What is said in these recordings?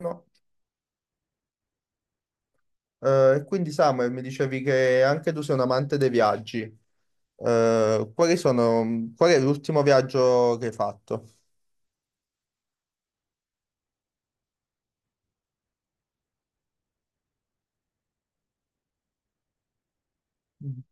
No. E quindi Samuel, mi dicevi che anche tu sei un amante dei viaggi. Quali sono, qual è l'ultimo viaggio che hai fatto? Mm.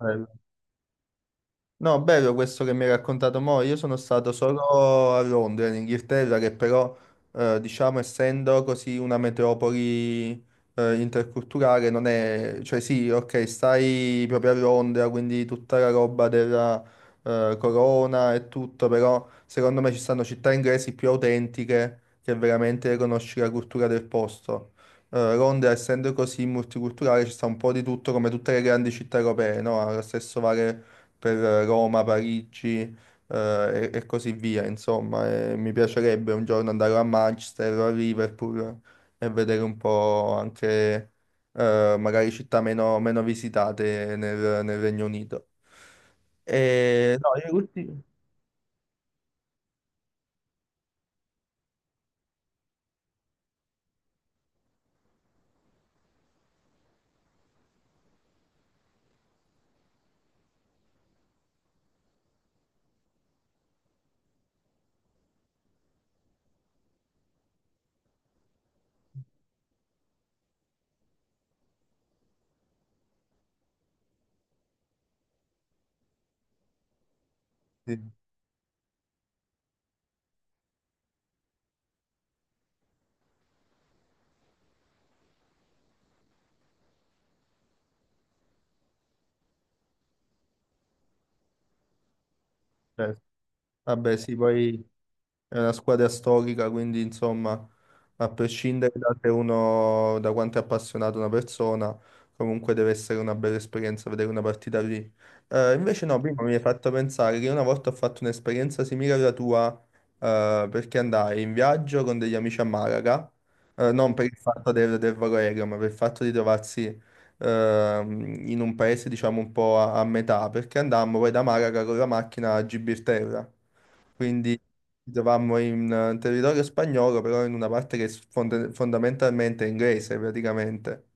Bello. No, bello questo che mi hai raccontato mo'. Io sono stato solo a Londra, in Inghilterra, che però, diciamo, essendo così una metropoli, interculturale, non è... Cioè sì, ok, stai proprio a Londra, quindi tutta la roba della, corona e tutto, però secondo me ci stanno città inglesi più autentiche che veramente conosci la cultura del posto. Londra, essendo così multiculturale, ci sta un po' di tutto come tutte le grandi città europee, no? Ha lo stesso vale per Roma, Parigi, e così via, insomma, e mi piacerebbe un giorno andare a Manchester o a Liverpool e vedere un po' anche magari città meno, meno visitate nel Regno Unito. E, no, io ultimi... Sì, certo. Vabbè, sì, poi... È una squadra storica, quindi insomma, a prescindere da se uno, da quanto è appassionato una persona, comunque deve essere una bella esperienza vedere una partita lì. Invece no, prima mi hai fatto pensare che una volta ho fatto un'esperienza simile alla tua, perché andai in viaggio con degli amici a Malaga, non per il fatto del volo aereo, ma per il fatto di trovarsi in un paese, diciamo, un po' a, a metà, perché andammo poi da Malaga con la macchina a Gibilterra. Quindi eravamo in territorio spagnolo, però in una parte che è fondamentalmente è inglese praticamente.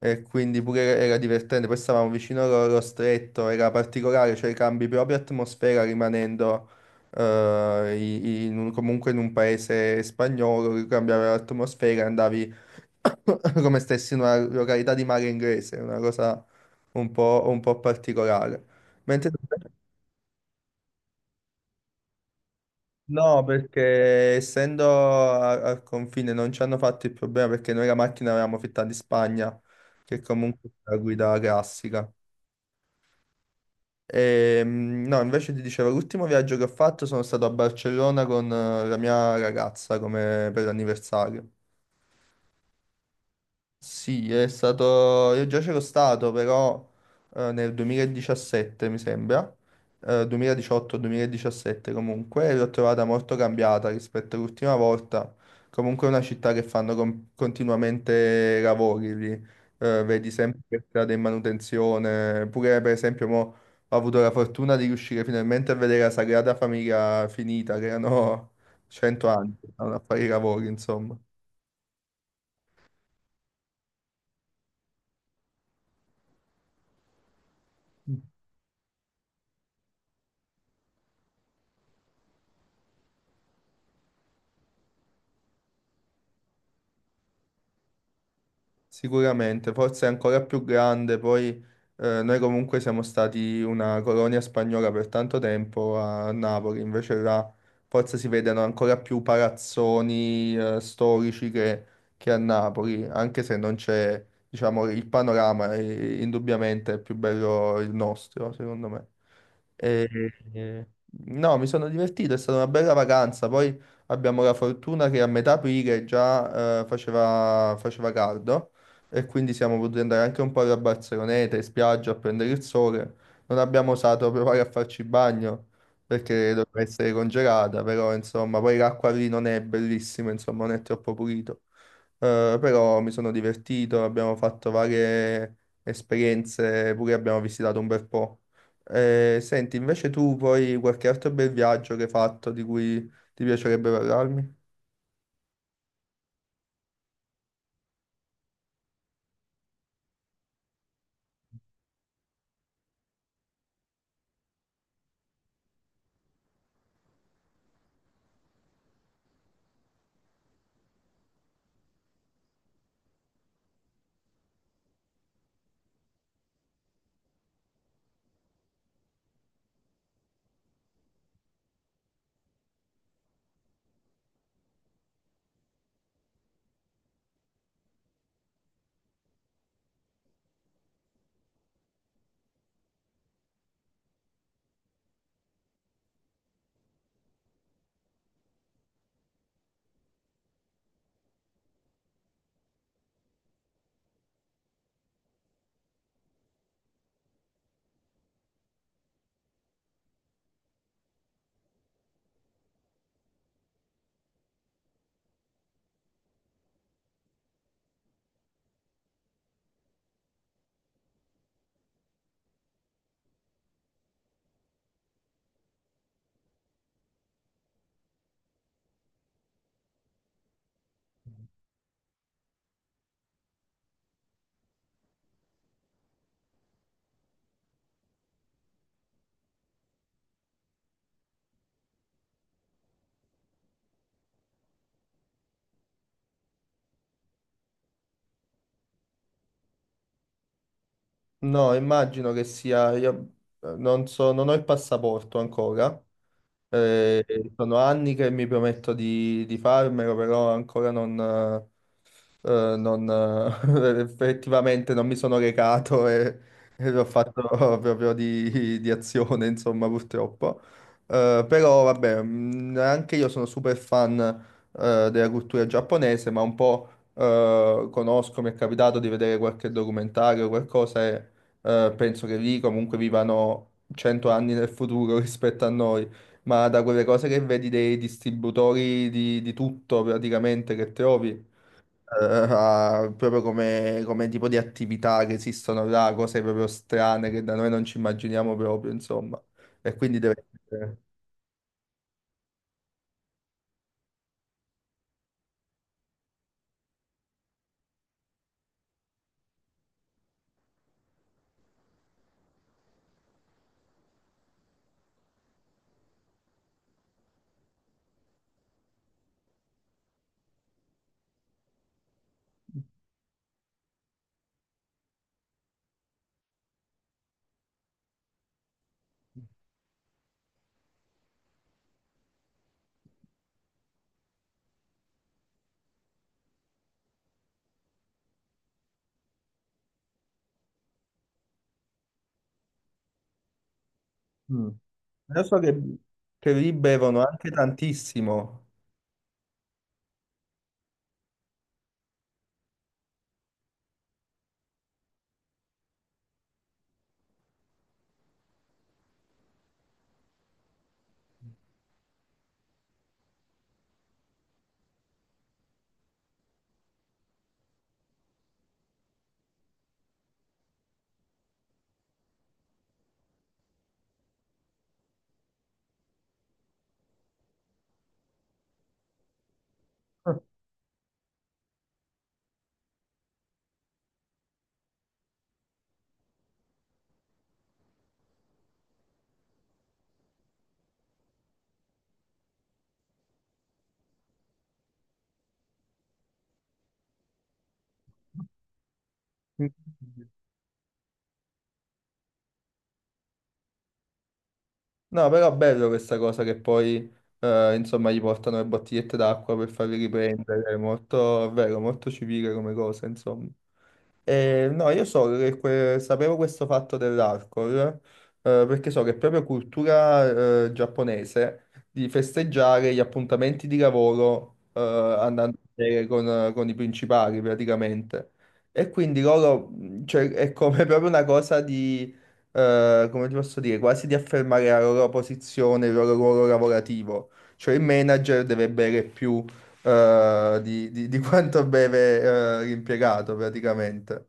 E quindi pure era divertente. Poi stavamo vicino allo stretto, era particolare, cioè cambi proprio atmosfera rimanendo comunque in un paese spagnolo, cambiava l'atmosfera, andavi come stessi in una località di mare inglese, una cosa un po' particolare. Mentre... No, perché essendo al confine non ci hanno fatto il problema perché noi la macchina l'avevamo fitta di Spagna, che comunque è la guida classica. No, invece ti dicevo, l'ultimo viaggio che ho fatto sono stato a Barcellona con la mia ragazza come per l'anniversario. Sì, è stato. Io già c'ero stato, però nel 2017 mi sembra, 2018-2017 comunque, e l'ho trovata molto cambiata rispetto all'ultima volta. Comunque è una città che fanno continuamente lavori lì, vedi sempre per strada in manutenzione. Pure per esempio mo, ho avuto la fortuna di riuscire finalmente a vedere la Sagrada Famiglia finita, che erano 100 anni, che stavano a fare i lavori, insomma. Sicuramente, forse è ancora più grande, poi noi comunque siamo stati una colonia spagnola per tanto tempo a Napoli, invece là forse si vedono ancora più palazzoni storici che a Napoli, anche se non c'è, diciamo, il panorama, indubbiamente è più bello il nostro, secondo me. E- e- no, mi sono divertito, è stata una bella vacanza. Poi abbiamo la fortuna che a metà aprile già faceva caldo e quindi siamo potuti andare anche un po' alla Barceloneta, in spiaggia a prendere il sole. Non abbiamo osato provare a farci bagno perché doveva essere congelata, però insomma, poi l'acqua lì non è bellissima, insomma, non è troppo pulito. Però mi sono divertito, abbiamo fatto varie esperienze, pure abbiamo visitato un bel po'. Senti, invece tu poi qualche altro bel viaggio che hai fatto di cui ti piacerebbe parlarmi? No, immagino che sia, io non so, non ho il passaporto ancora. Mm. eh, sono anni che mi prometto di farmelo, però ancora non, effettivamente non mi sono recato e l'ho fatto proprio di azione, insomma, purtroppo. Però vabbè, anche io sono super fan della cultura giapponese, ma un po' conosco, mi è capitato di vedere qualche documentario o qualcosa e penso che lì comunque vivano 100 anni nel futuro rispetto a noi. Ma da quelle cose che vedi dei distributori di tutto praticamente che trovi, proprio come, come tipo di attività che esistono là, cose proprio strane che da noi non ci immaginiamo proprio, insomma. E quindi deve essere... Mm. Io so che lì bevono anche tantissimo. Ah, incredibile. No, però è bello questa cosa che poi, insomma, gli portano le bottigliette d'acqua per farli riprendere. È molto, è vero, molto civile come cosa, insomma. No, io so che sapevo questo fatto dell'alcol, perché so che è proprio cultura, giapponese di festeggiare gli appuntamenti di lavoro, andando a bere con i principali praticamente. E quindi loro, cioè, è come proprio una cosa di, come ti posso dire, quasi di affermare la loro posizione, il loro ruolo lavorativo. Cioè il manager deve bere più di quanto beve l'impiegato praticamente.